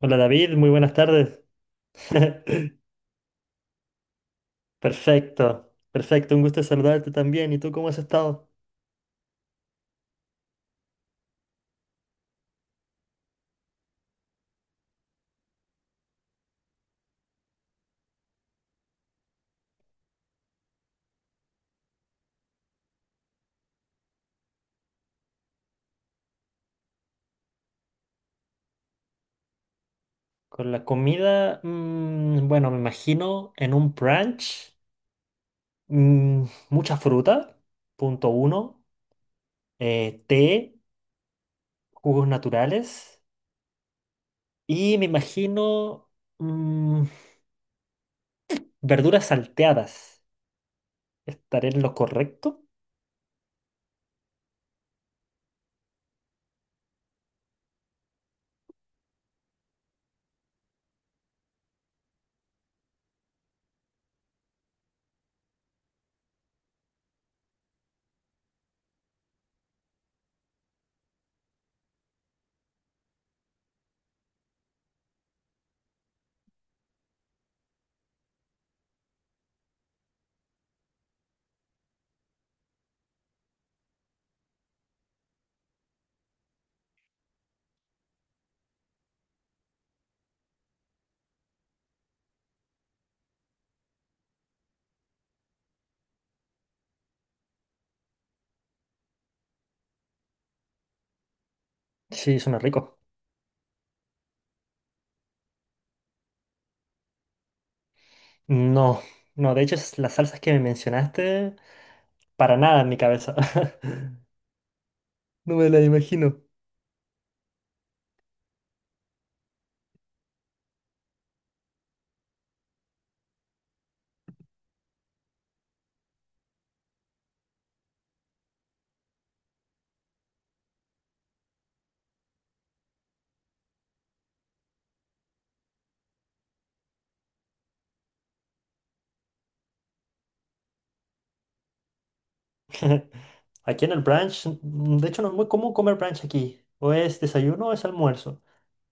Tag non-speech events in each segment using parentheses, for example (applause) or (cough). Hola David, muy buenas tardes. (laughs) Perfecto, perfecto, un gusto saludarte también. ¿Y tú cómo has estado? Con la comida, bueno, me imagino en un brunch, mm, mucha fruta, punto uno, té, jugos naturales y me imagino mm, verduras salteadas. ¿Estaré en lo correcto? Sí, suena rico. No, no, de hecho es las salsas que me mencionaste, para nada en mi cabeza. (laughs) No me la imagino. (laughs) Aquí en el brunch, de hecho no es muy común comer brunch aquí. O es desayuno o es almuerzo.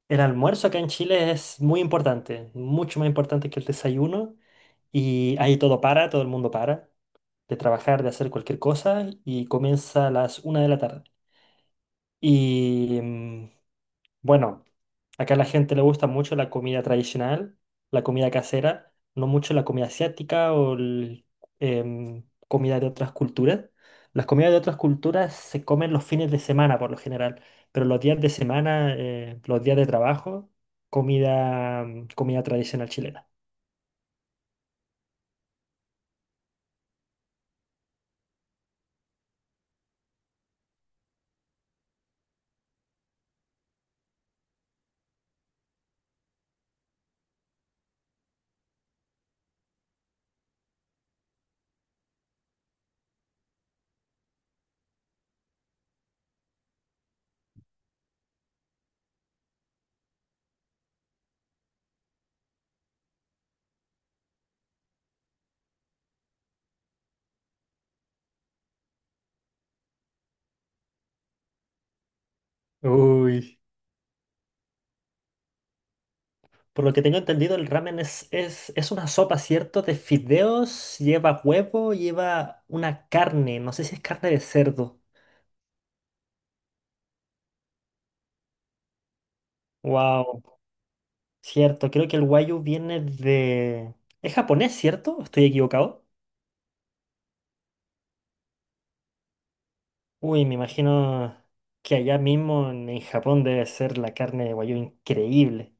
El almuerzo acá en Chile es muy importante, mucho más importante que el desayuno. Y ahí todo el mundo para de trabajar, de hacer cualquier cosa y comienza a las 1 de la tarde. Y bueno, acá a la gente le gusta mucho la comida tradicional, la comida casera, no mucho la comida asiática o el, em, comida de otras culturas. Las comidas de otras culturas se comen los fines de semana por lo general, pero los días de semana, los días de trabajo, comida tradicional chilena. Uy. Por lo que tengo entendido, el ramen es una sopa, ¿cierto? De fideos, lleva huevo, lleva una carne, no sé si es carne de cerdo. Wow. Cierto, creo que el Wagyu viene de... ¿Es japonés, cierto? ¿O ¿Estoy equivocado? Uy, me imagino que allá mismo en Japón debe ser la carne de Wagyu increíble.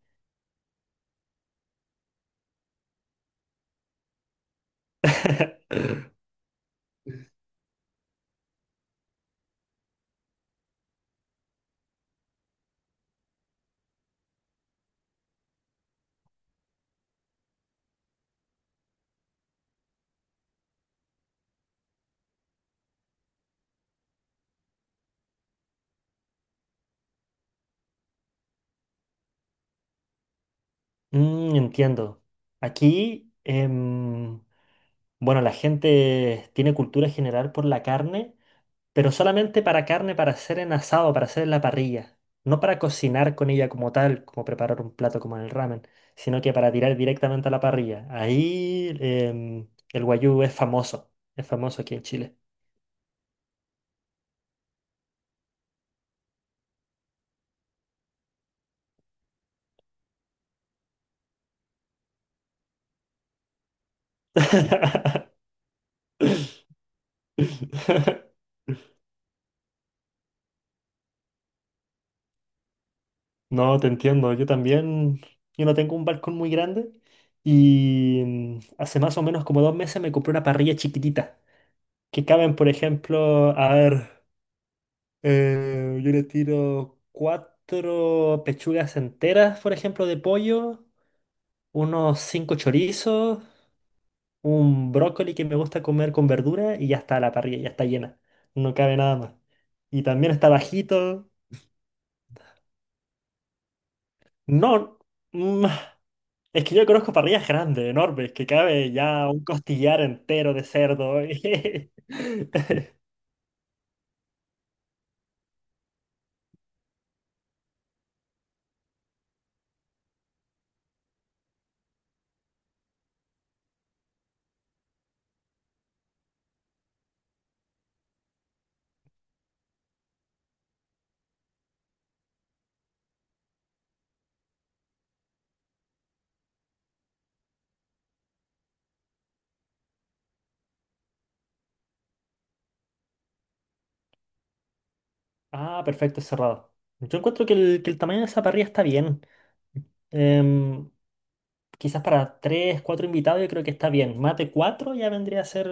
Mm, entiendo. Aquí, bueno, la gente tiene cultura general por la carne pero solamente para carne para hacer en asado, para hacer en la parrilla. No para cocinar con ella como tal, como preparar un plato como en el ramen, sino que para tirar directamente a la parrilla. Ahí el guayú es famoso aquí en Chile. (laughs) No, te entiendo, yo también, yo no tengo un balcón muy grande y hace más o menos como 2 meses me compré una parrilla chiquitita, que caben, por ejemplo, a ver. Yo le tiro cuatro pechugas enteras, por ejemplo, de pollo, unos cinco chorizos, un brócoli que me gusta comer con verdura y ya está la parrilla, ya está llena. No cabe nada más. Y también está bajito. No, mm, es que yo conozco parrillas grandes, enormes, que cabe ya un costillar entero de cerdo. (laughs) Ah, perfecto, cerrado. Yo encuentro que el tamaño de esa parrilla está bien. Em, quizás para tres, cuatro invitados yo creo que está bien. Más de cuatro ya vendría a ser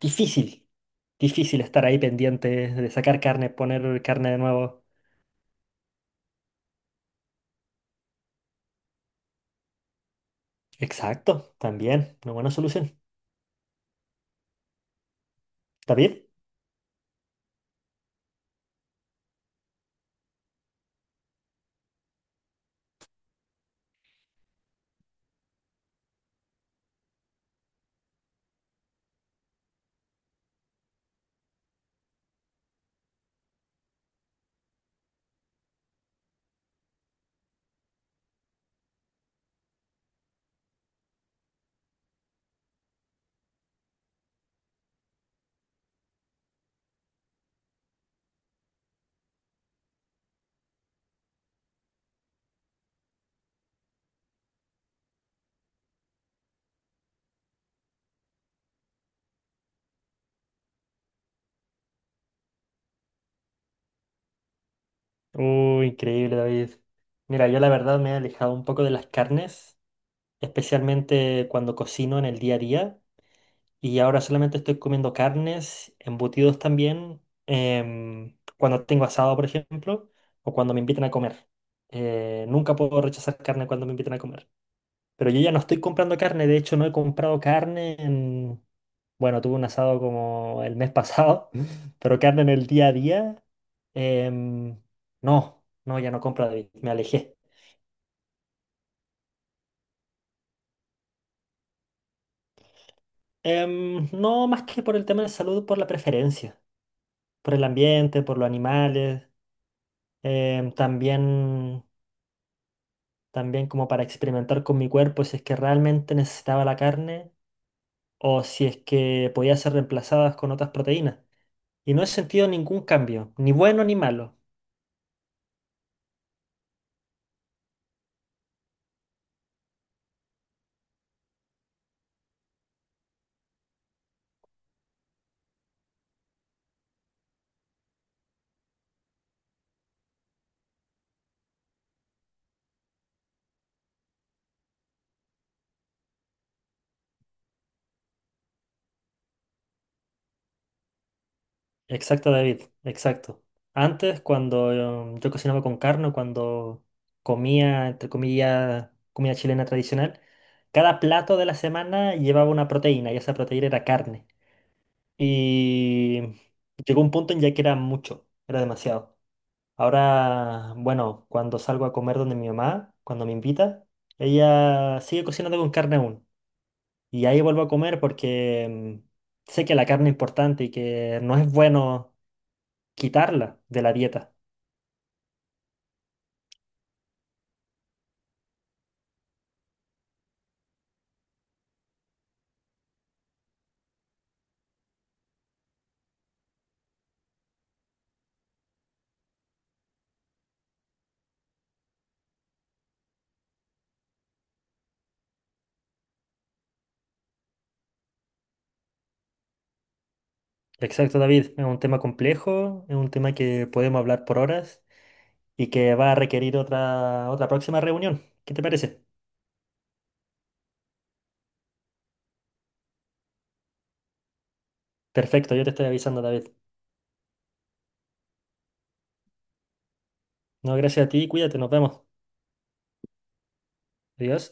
difícil. Difícil estar ahí pendiente de sacar carne, poner carne de nuevo. Exacto, también. Una buena solución. ¿David? Uy, increíble, David. Mira, yo la verdad me he alejado un poco de las carnes, especialmente cuando cocino en el día a día. Y ahora solamente estoy comiendo carnes, embutidos también, cuando tengo asado, por ejemplo, o cuando me invitan a comer. Nunca puedo rechazar carne cuando me invitan a comer. Pero yo ya no estoy comprando carne, de hecho no he comprado carne en... Bueno, tuve un asado como el mes pasado, (laughs) pero carne en el día a día, em, no, no, ya no compro, David, me alejé. No más que por el tema de salud, por la preferencia, por el ambiente, por los animales. También, también como para experimentar con mi cuerpo si es que realmente necesitaba la carne o si es que podía ser reemplazadas con otras proteínas. Y no he sentido ningún cambio, ni bueno ni malo. Exacto, David, exacto. Antes, cuando yo cocinaba con carne, o cuando comía, entre comillas, comida chilena tradicional, cada plato de la semana llevaba una proteína y esa proteína era carne. Y llegó un punto en ya que era mucho, era demasiado. Ahora, bueno, cuando salgo a comer donde mi mamá, cuando me invita, ella sigue cocinando con carne aún. Y ahí vuelvo a comer porque sé que la carne es importante y que no es bueno quitarla de la dieta. Exacto, David. Es un tema complejo, es un tema que podemos hablar por horas y que va a requerir otra próxima reunión. ¿Qué te parece? Perfecto, yo te estoy avisando, David. No, gracias a ti, cuídate, nos vemos. Adiós.